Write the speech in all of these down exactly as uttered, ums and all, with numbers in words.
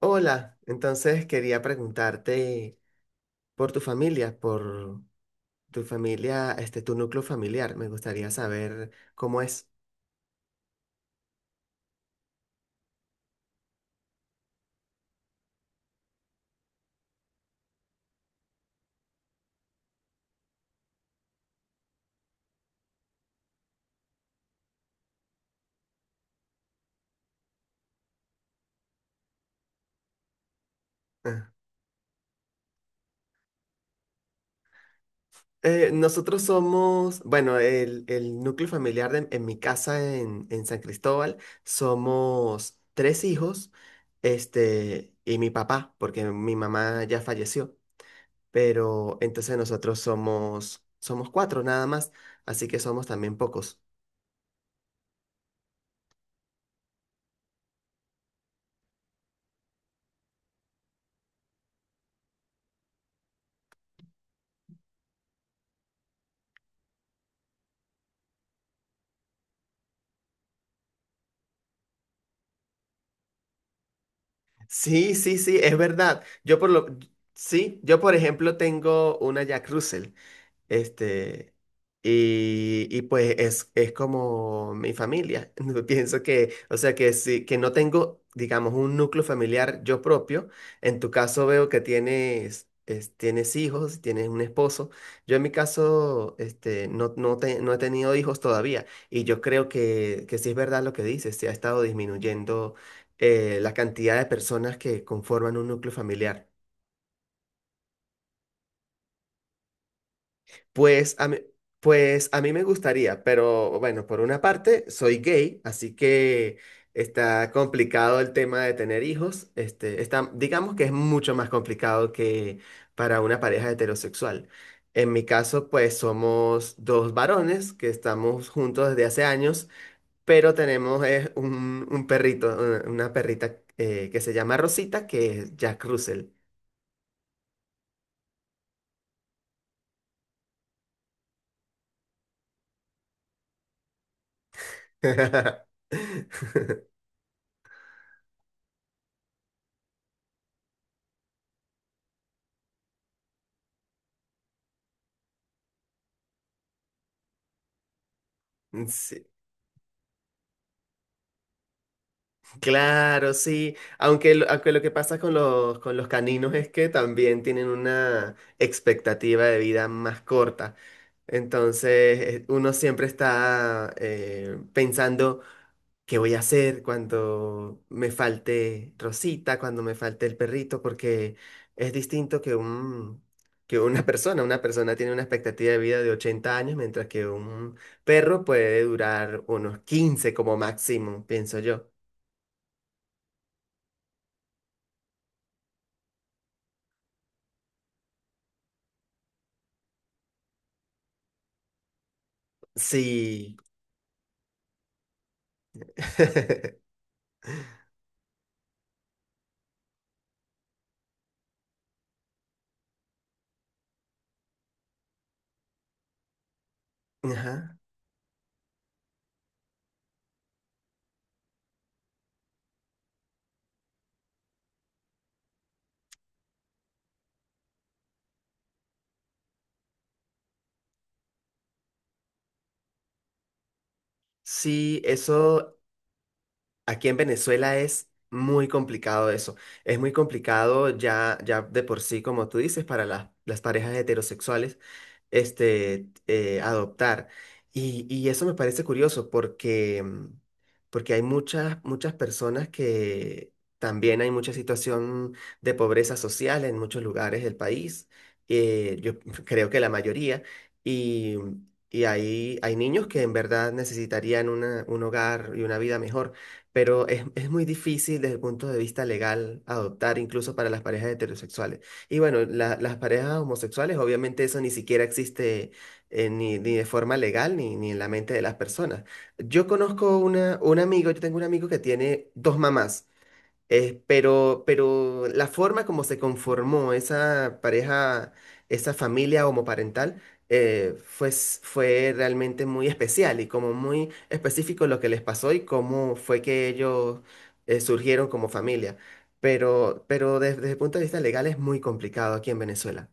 Hola, entonces quería preguntarte por tu familia, por tu familia, este, tu núcleo familiar. Me gustaría saber cómo es. Ah. Eh, nosotros somos, bueno, el, el núcleo familiar de- en mi casa en, en San Cristóbal, somos tres hijos, este, y mi papá, porque mi mamá ya falleció, pero entonces nosotros somos, somos cuatro nada más, así que somos también pocos. Sí, sí, sí, es verdad. Yo por lo, sí, yo por ejemplo tengo una Jack Russell. Este, y, y pues es, es como mi familia. No pienso que, o sea, que sí, que no tengo, digamos, un núcleo familiar yo propio. En tu caso veo que tienes, es- tienes hijos, tienes un esposo. Yo en mi caso, este, no, no, te- no he tenido hijos todavía. Y yo creo que, que sí es verdad lo que dices, se ha estado disminuyendo eh, la cantidad de personas que conforman un núcleo familiar. Pues a mí, pues a mí me gustaría, pero bueno, por una parte soy gay, así que está complicado el tema de tener hijos. Este, está, digamos que es mucho más complicado que para una pareja heterosexual. En mi caso, pues somos dos varones que estamos juntos desde hace años, pero tenemos eh, un, un perrito, una, una perrita eh, que se llama Rosita, que es Jack Russell. Sí. Claro, sí. Aunque, lo- aunque lo que pasa con los, con los caninos es que también tienen una expectativa de vida más corta. Entonces, eh, uno siempre está eh, pensando qué voy a hacer cuando me falte Rosita, cuando me falte el perrito, porque es distinto que un, que una persona. Una persona tiene una expectativa de vida de ochenta años, mientras que un perro puede durar unos quince como máximo, pienso yo. Sí. Ajá. Sí, eso aquí en Venezuela es muy complicado eso. Es muy complicado ya, ya de por sí, como tú dices, para las las parejas heterosexuales. este, eh, adoptar. Y, y eso me parece curioso porque, mm, porque hay muchas, muchas personas que también hay mucha situación de pobreza social en muchos lugares del país. Eh, yo creo que la mayoría. Y, y hay, hay niños que en verdad necesitarían una- un hogar y una vida mejor. Pero es, es muy difícil desde el punto de vista legal adoptar, incluso para las parejas heterosexuales. Y bueno, la- las parejas homosexuales, obviamente eso ni siquiera existe eh, ni, ni de forma legal ni, ni en la mente de las personas. Yo conozco una, un amigo, yo tengo un amigo que tiene dos mamás. Eh, pero, pero la forma como se conformó esa pareja, esa familia homoparental, eh, fue, s- fue realmente muy especial y como muy específico lo que les pasó y cómo fue que ellos eh, surgieron como familia. Pero, pero desde, desde el punto de vista legal es muy complicado aquí en Venezuela.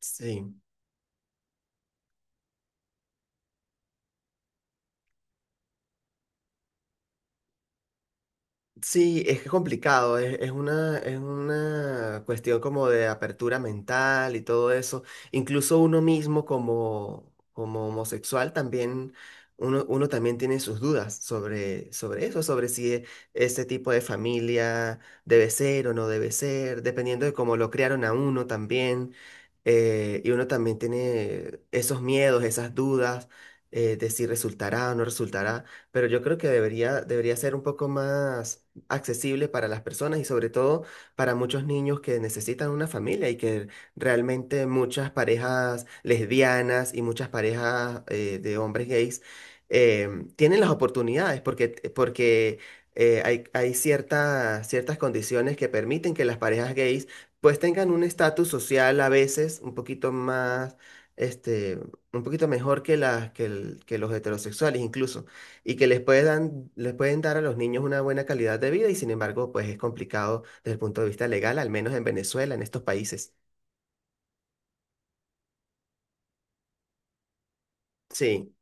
Sí. Sí, es que es complicado, es, es una, es una cuestión como de apertura mental y todo eso. Incluso uno mismo como, como homosexual también, uno, uno también tiene sus dudas sobre, sobre eso, sobre si e- ese tipo de familia debe ser o no debe ser, dependiendo de cómo lo criaron a uno también. Eh, y uno también tiene esos miedos, esas dudas eh, de si resultará o no resultará. Pero yo creo que debería, debería ser un poco más accesible para las personas y sobre todo para muchos niños que necesitan una familia y que realmente muchas parejas lesbianas y muchas parejas eh, de hombres gays eh, tienen las oportunidades porque, porque eh, hay, hay ciertas, ciertas condiciones que permiten que las parejas gays pues tengan un estatus social a veces un poquito más, este, un poquito mejor que, las, que, el- que los heterosexuales incluso y que les pueden, dan- les pueden dar a los niños una buena calidad de vida y sin embargo, pues es complicado desde el punto de vista legal, al menos en Venezuela, en estos países. Sí,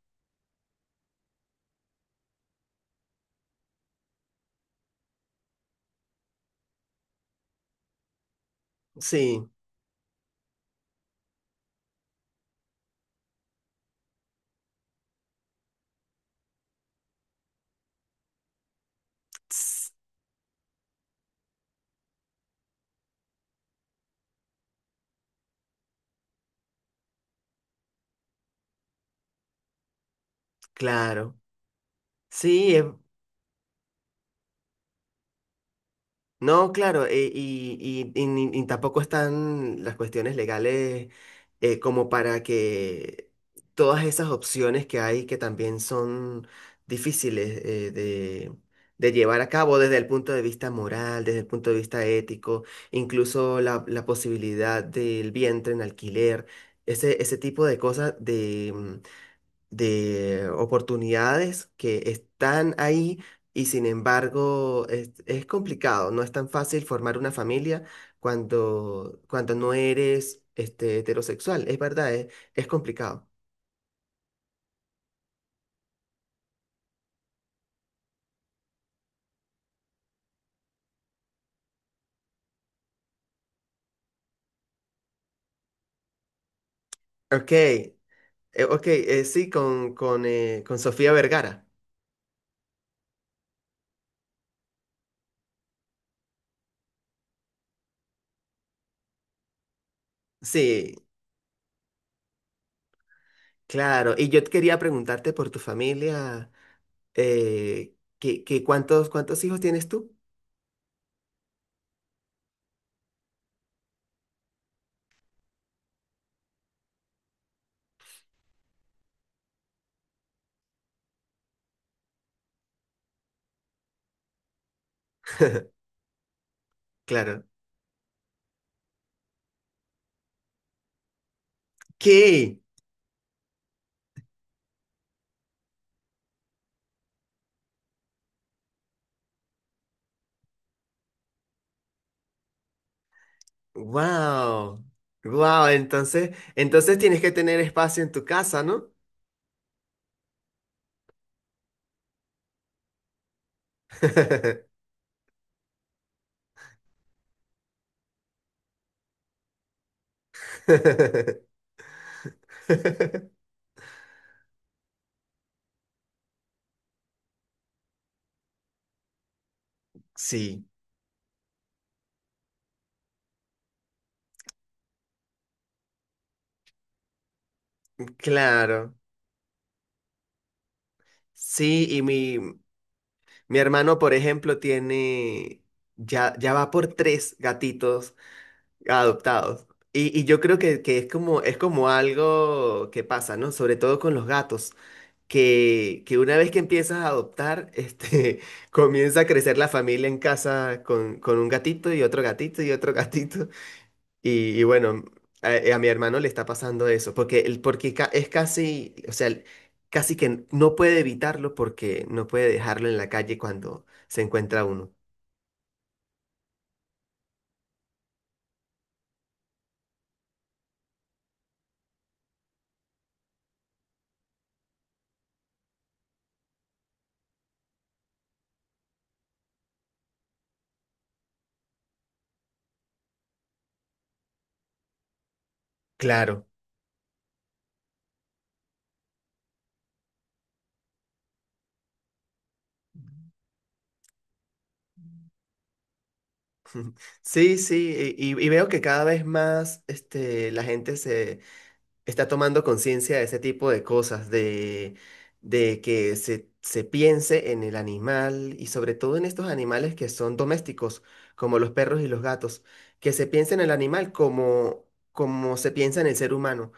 sí, ts- claro. Sí, es, no, claro, eh, y, y- y ni- ni tampoco están las cuestiones legales eh, como para que todas esas opciones que hay que también son difíciles eh, de, de llevar a cabo desde el punto de vista moral, desde el punto de vista ético, incluso la, la posibilidad del vientre en alquiler, ese, ese tipo de cosas de oportunidades que están ahí y sin embargo es, es complicado, no es tan fácil formar una familia cuando, cuando no eres este, heterosexual, es verdad, es, es complicado. Ok, eh, ok, eh, sí, con, con, eh, con Sofía Vergara. Sí, claro, y yo te quería preguntarte por tu familia, eh, que, que cuántos, ¿cuántos hijos tienes tú? Claro. ¿Qué? Wow. Wow, entonces, entonces tienes que tener espacio en tu casa, ¿no? Sí, claro. Sí, y mi, mi hermano, por ejemplo, tiene, ya, ya va por tres gatitos adoptados. Y, y yo creo que, que es como, es como algo que pasa, ¿no? Sobre todo con los gatos. que, que una vez que empiezas a adoptar, este, comienza a crecer la familia en casa con, con un gatito y otro gatito y otro gatito. Y, y bueno, a, eh, a mi hermano le está pasando eso, porque, el- porque ca- es casi, o sea, casi que no puede evitarlo porque no puede dejarlo en la calle cuando se encuentra uno. Claro. Sí, sí, y, y- y veo que cada vez más este, la gente está tomando conciencia de ese tipo de cosas, de, de que se, se piense en el animal y sobre todo en estos animales que son domésticos, como los perros y los gatos, que se piense en el animal como, como se piensa en el ser humano.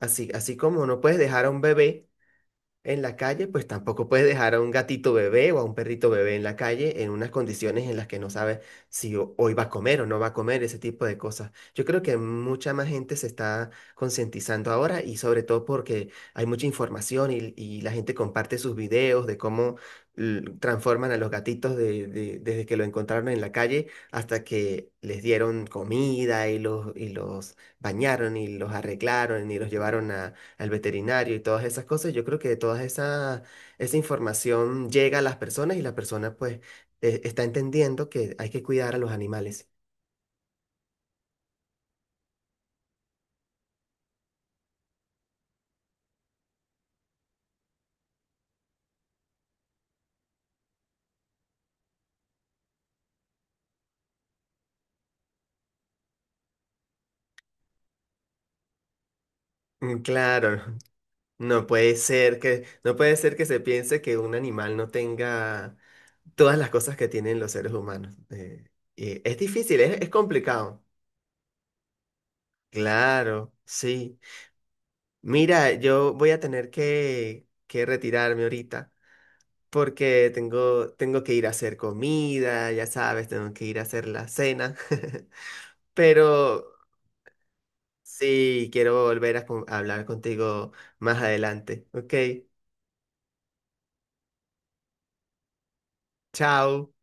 Así, así como no puedes dejar a un bebé en la calle, pues tampoco puedes dejar a un gatito bebé o a un perrito bebé en la calle en unas condiciones en las que no sabes si ho- hoy va a comer o no va a comer, ese tipo de cosas. Yo creo que mucha más gente se está concientizando ahora y sobre todo porque hay mucha información y, y la gente comparte sus videos de cómo l- transforman a los gatitos de- de- desde que lo encontraron en la calle hasta que les dieron comida y los, y los bañaron y los arreglaron y los llevaron al veterinario y todas esas cosas, yo creo que toda esa, esa información llega a las personas y la persona pues eh, está entendiendo que hay que cuidar a los animales. Mm, claro, no puede ser que, no puede ser que se piense que un animal no tenga todas las cosas que tienen los seres humanos. Eh, eh, es difícil, es, es complicado. Claro, sí. Mira, yo voy a tener que, que retirarme ahorita, porque tengo, tengo que ir a hacer comida, ya sabes, tengo que ir a hacer la cena. Pero sí, quiero volver a, con- a hablar contigo más adelante. Ok, chao.